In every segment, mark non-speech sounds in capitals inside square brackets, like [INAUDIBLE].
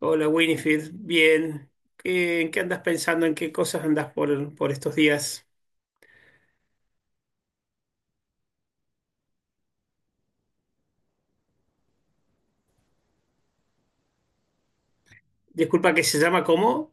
Hola Winifred, bien. ¿ En qué andas pensando? ¿En qué cosas andas por estos días? Disculpa, ¿que se llama cómo?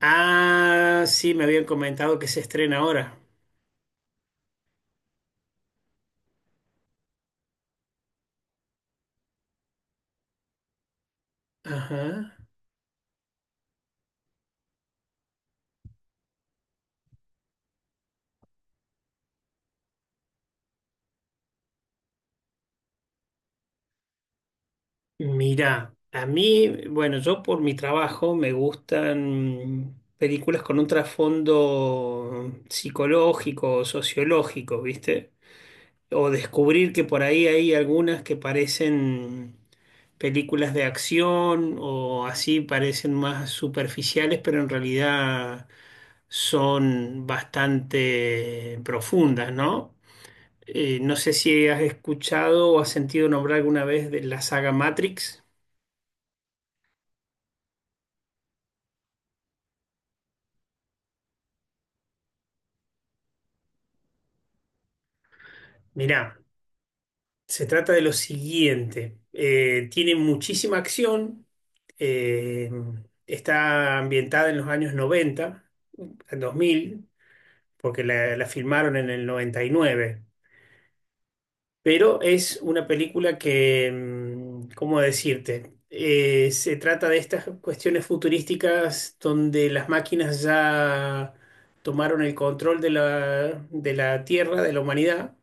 Ah, sí, me habían comentado que se estrena ahora. Ajá. Mira, a mí, bueno, yo por mi trabajo me gustan películas con un trasfondo psicológico, sociológico, ¿viste? O descubrir que por ahí hay algunas que parecen películas de acción o así parecen más superficiales, pero en realidad son bastante profundas, ¿no? No sé si has escuchado o has sentido nombrar alguna vez de la saga Matrix. Mirá, se trata de lo siguiente. Tiene muchísima acción. eh, Está ambientada en los años 90 en 2000, porque la filmaron en el 99. Pero es una película que, ¿cómo decirte? Se trata de estas cuestiones futurísticas donde las máquinas ya tomaron el control de de la Tierra, de la humanidad,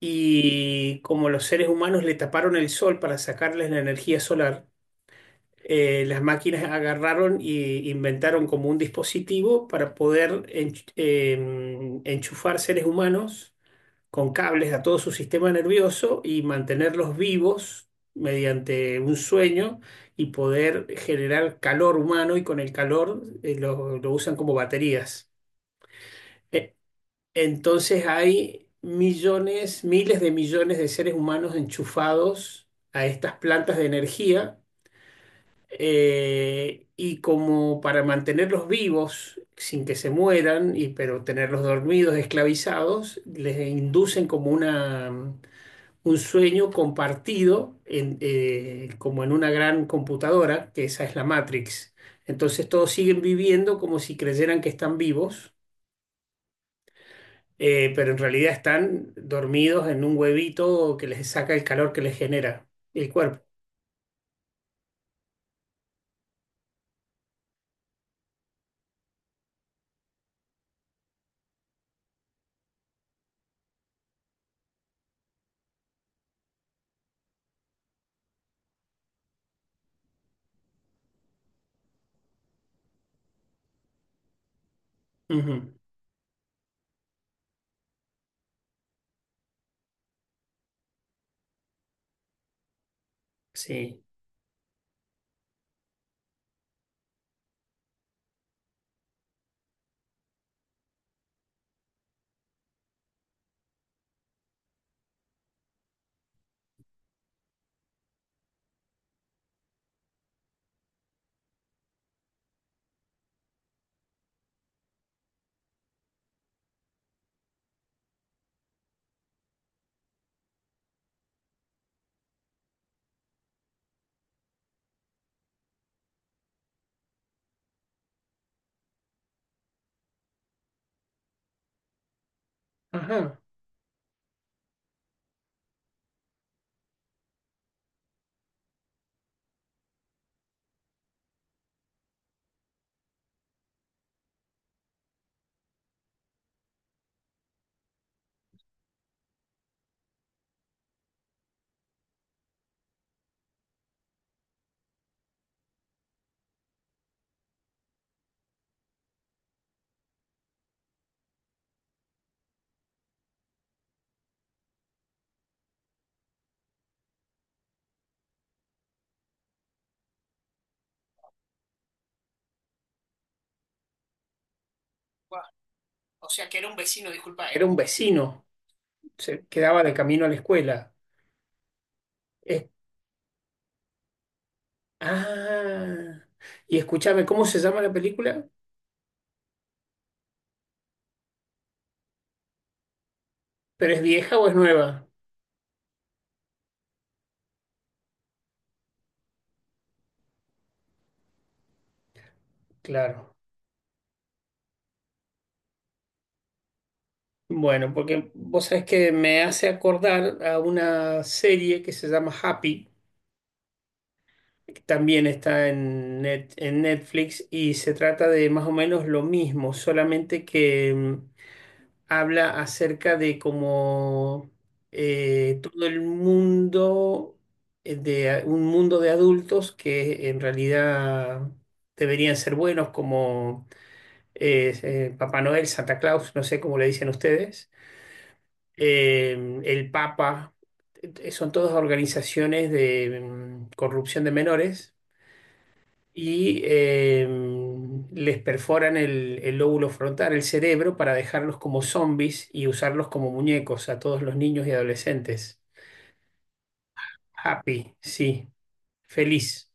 y como los seres humanos le taparon el sol para sacarles la energía solar, las máquinas agarraron y inventaron como un dispositivo para poder enchufar seres humanos con cables a todo su sistema nervioso y mantenerlos vivos mediante un sueño y poder generar calor humano y con el calor lo usan como baterías. E- Entonces hay millones, miles de millones de seres humanos enchufados a estas plantas de energía, y como para mantenerlos vivos sin que se mueran, y, pero tenerlos dormidos, esclavizados, les inducen como una un sueño compartido en, como en una gran computadora, que esa es la Matrix. Entonces todos siguen viviendo como si creyeran que están vivos, pero en realidad están dormidos en un huevito que les saca el calor que les genera el cuerpo. Ujú. Sí. Ajá. Guau. O sea, que era un vecino, disculpa, era un vecino, se quedaba de camino a la escuela. Es- ah, y escúchame, ¿cómo se llama la película? ¿Pero es vieja o es nueva? Claro. Bueno, porque vos sabés que me hace acordar a una serie que se llama Happy, que también está en, en Netflix, y se trata de más o menos lo mismo, solamente que habla acerca de cómo todo el mundo, un mundo de adultos que en realidad deberían ser buenos, como Papá Noel, Santa Claus, no sé cómo le dicen ustedes, el Papa, son todas organizaciones de corrupción de menores, y les perforan el lóbulo frontal, el cerebro, para dejarlos como zombies y usarlos como muñecos a todos los niños y adolescentes. Happy, sí, feliz.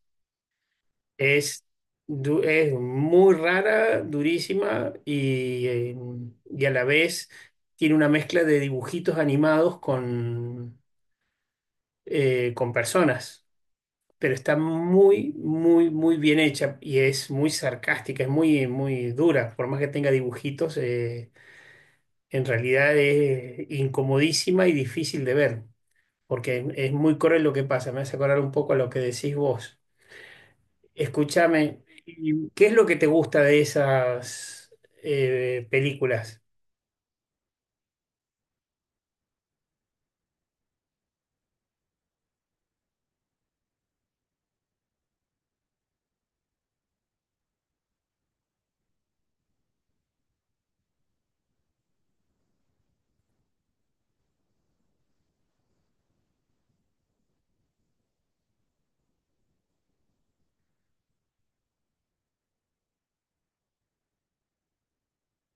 Es, es muy rara, durísima y a la vez tiene una mezcla de dibujitos animados con personas. Pero está muy, muy, muy bien hecha y es muy sarcástica, es muy, muy dura. Por más que tenga dibujitos, en realidad es incomodísima y difícil de ver, porque es, muy cruel lo que pasa. Me hace acordar un poco a lo que decís vos. Escúchame, ¿qué es lo que te gusta de esas películas?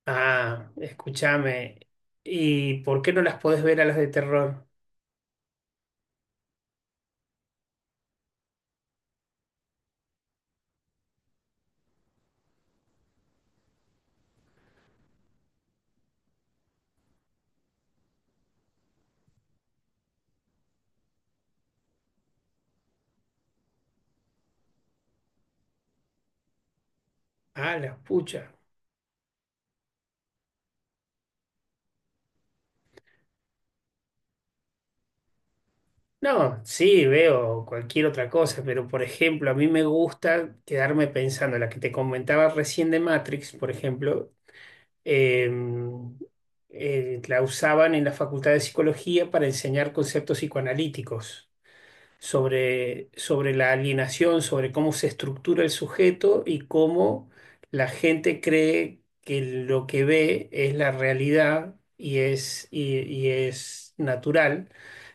Ah, escúchame. ¿Y por qué no las podés ver a las de terror? Ah, las pucha. No, sí, veo cualquier otra cosa, pero por ejemplo, a mí me gusta quedarme pensando, la que te comentaba recién de Matrix, por ejemplo, em, la usaban en la Facultad de Psicología para enseñar conceptos psicoanalíticos sobre la alienación, sobre cómo se estructura el sujeto y cómo la gente cree que lo que ve es la realidad y y es natural,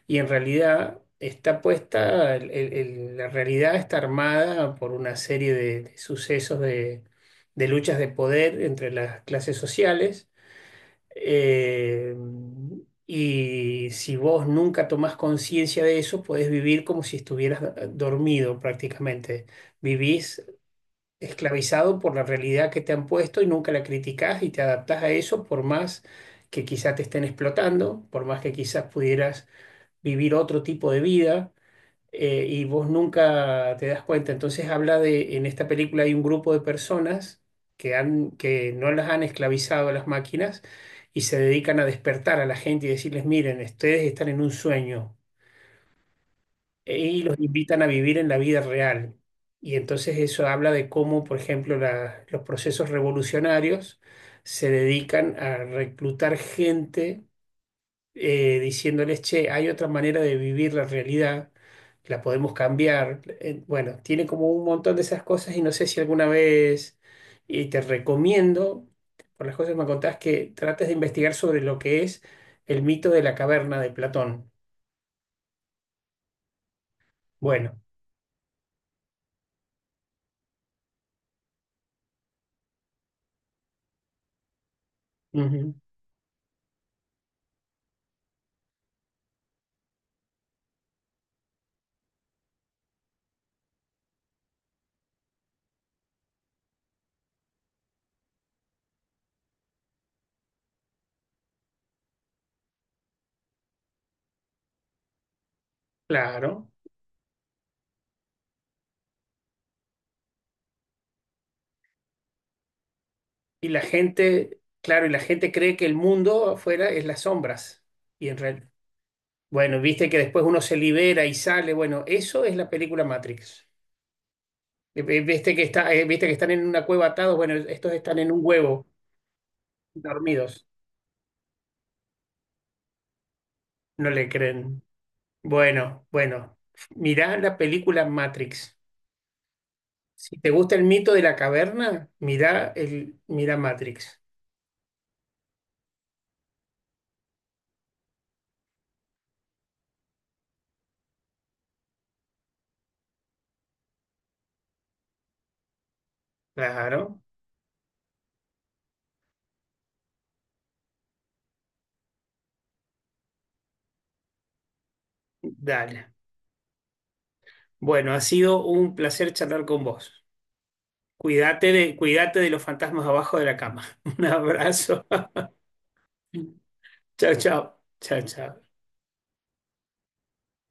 y en realidad está puesta, la realidad está armada por una serie de sucesos de luchas de poder entre las clases sociales, eh, y si vos nunca tomás conciencia de eso, podés vivir como si estuvieras dormido prácticamente. Vivís esclavizado por la realidad que te han puesto y nunca la criticás y te adaptás a eso por más que quizás te estén explotando, por más que quizás pudieras vivir otro tipo de vida, y vos nunca te das cuenta. Entonces habla de, en esta película hay un grupo de personas que han, que no las han esclavizado a las máquinas, y se dedican a despertar a la gente y decirles, miren, ustedes están en un sueño, y los invitan a vivir en la vida real. Y entonces eso habla de cómo, por ejemplo, los procesos revolucionarios se dedican a reclutar gente, diciéndoles, che, hay otra manera de vivir la realidad, la podemos cambiar. Bueno, tiene como un montón de esas cosas y no sé si alguna vez, y te recomiendo, por las cosas que me contás, que trates de investigar sobre lo que es el mito de la caverna de Platón. Bueno, ujú, claro. Y la gente, claro, y la gente cree que el mundo afuera es las sombras. Y en realidad, bueno, viste que después uno se libera y sale. Bueno, eso es la película Matrix. Viste que está, viste que están en una cueva atados. Bueno, estos están en un huevo, dormidos. No le creen. Bueno, bueno. Mirá la película Matrix. Si te gusta el mito de la caverna, mirá el, mirá Matrix. Claro. Dale. Bueno, ha sido un placer charlar con vos. Cuídate de los fantasmas abajo de la cama. [LAUGHS] Un abrazo. [LAUGHS] Chao, chao. Chao, chao.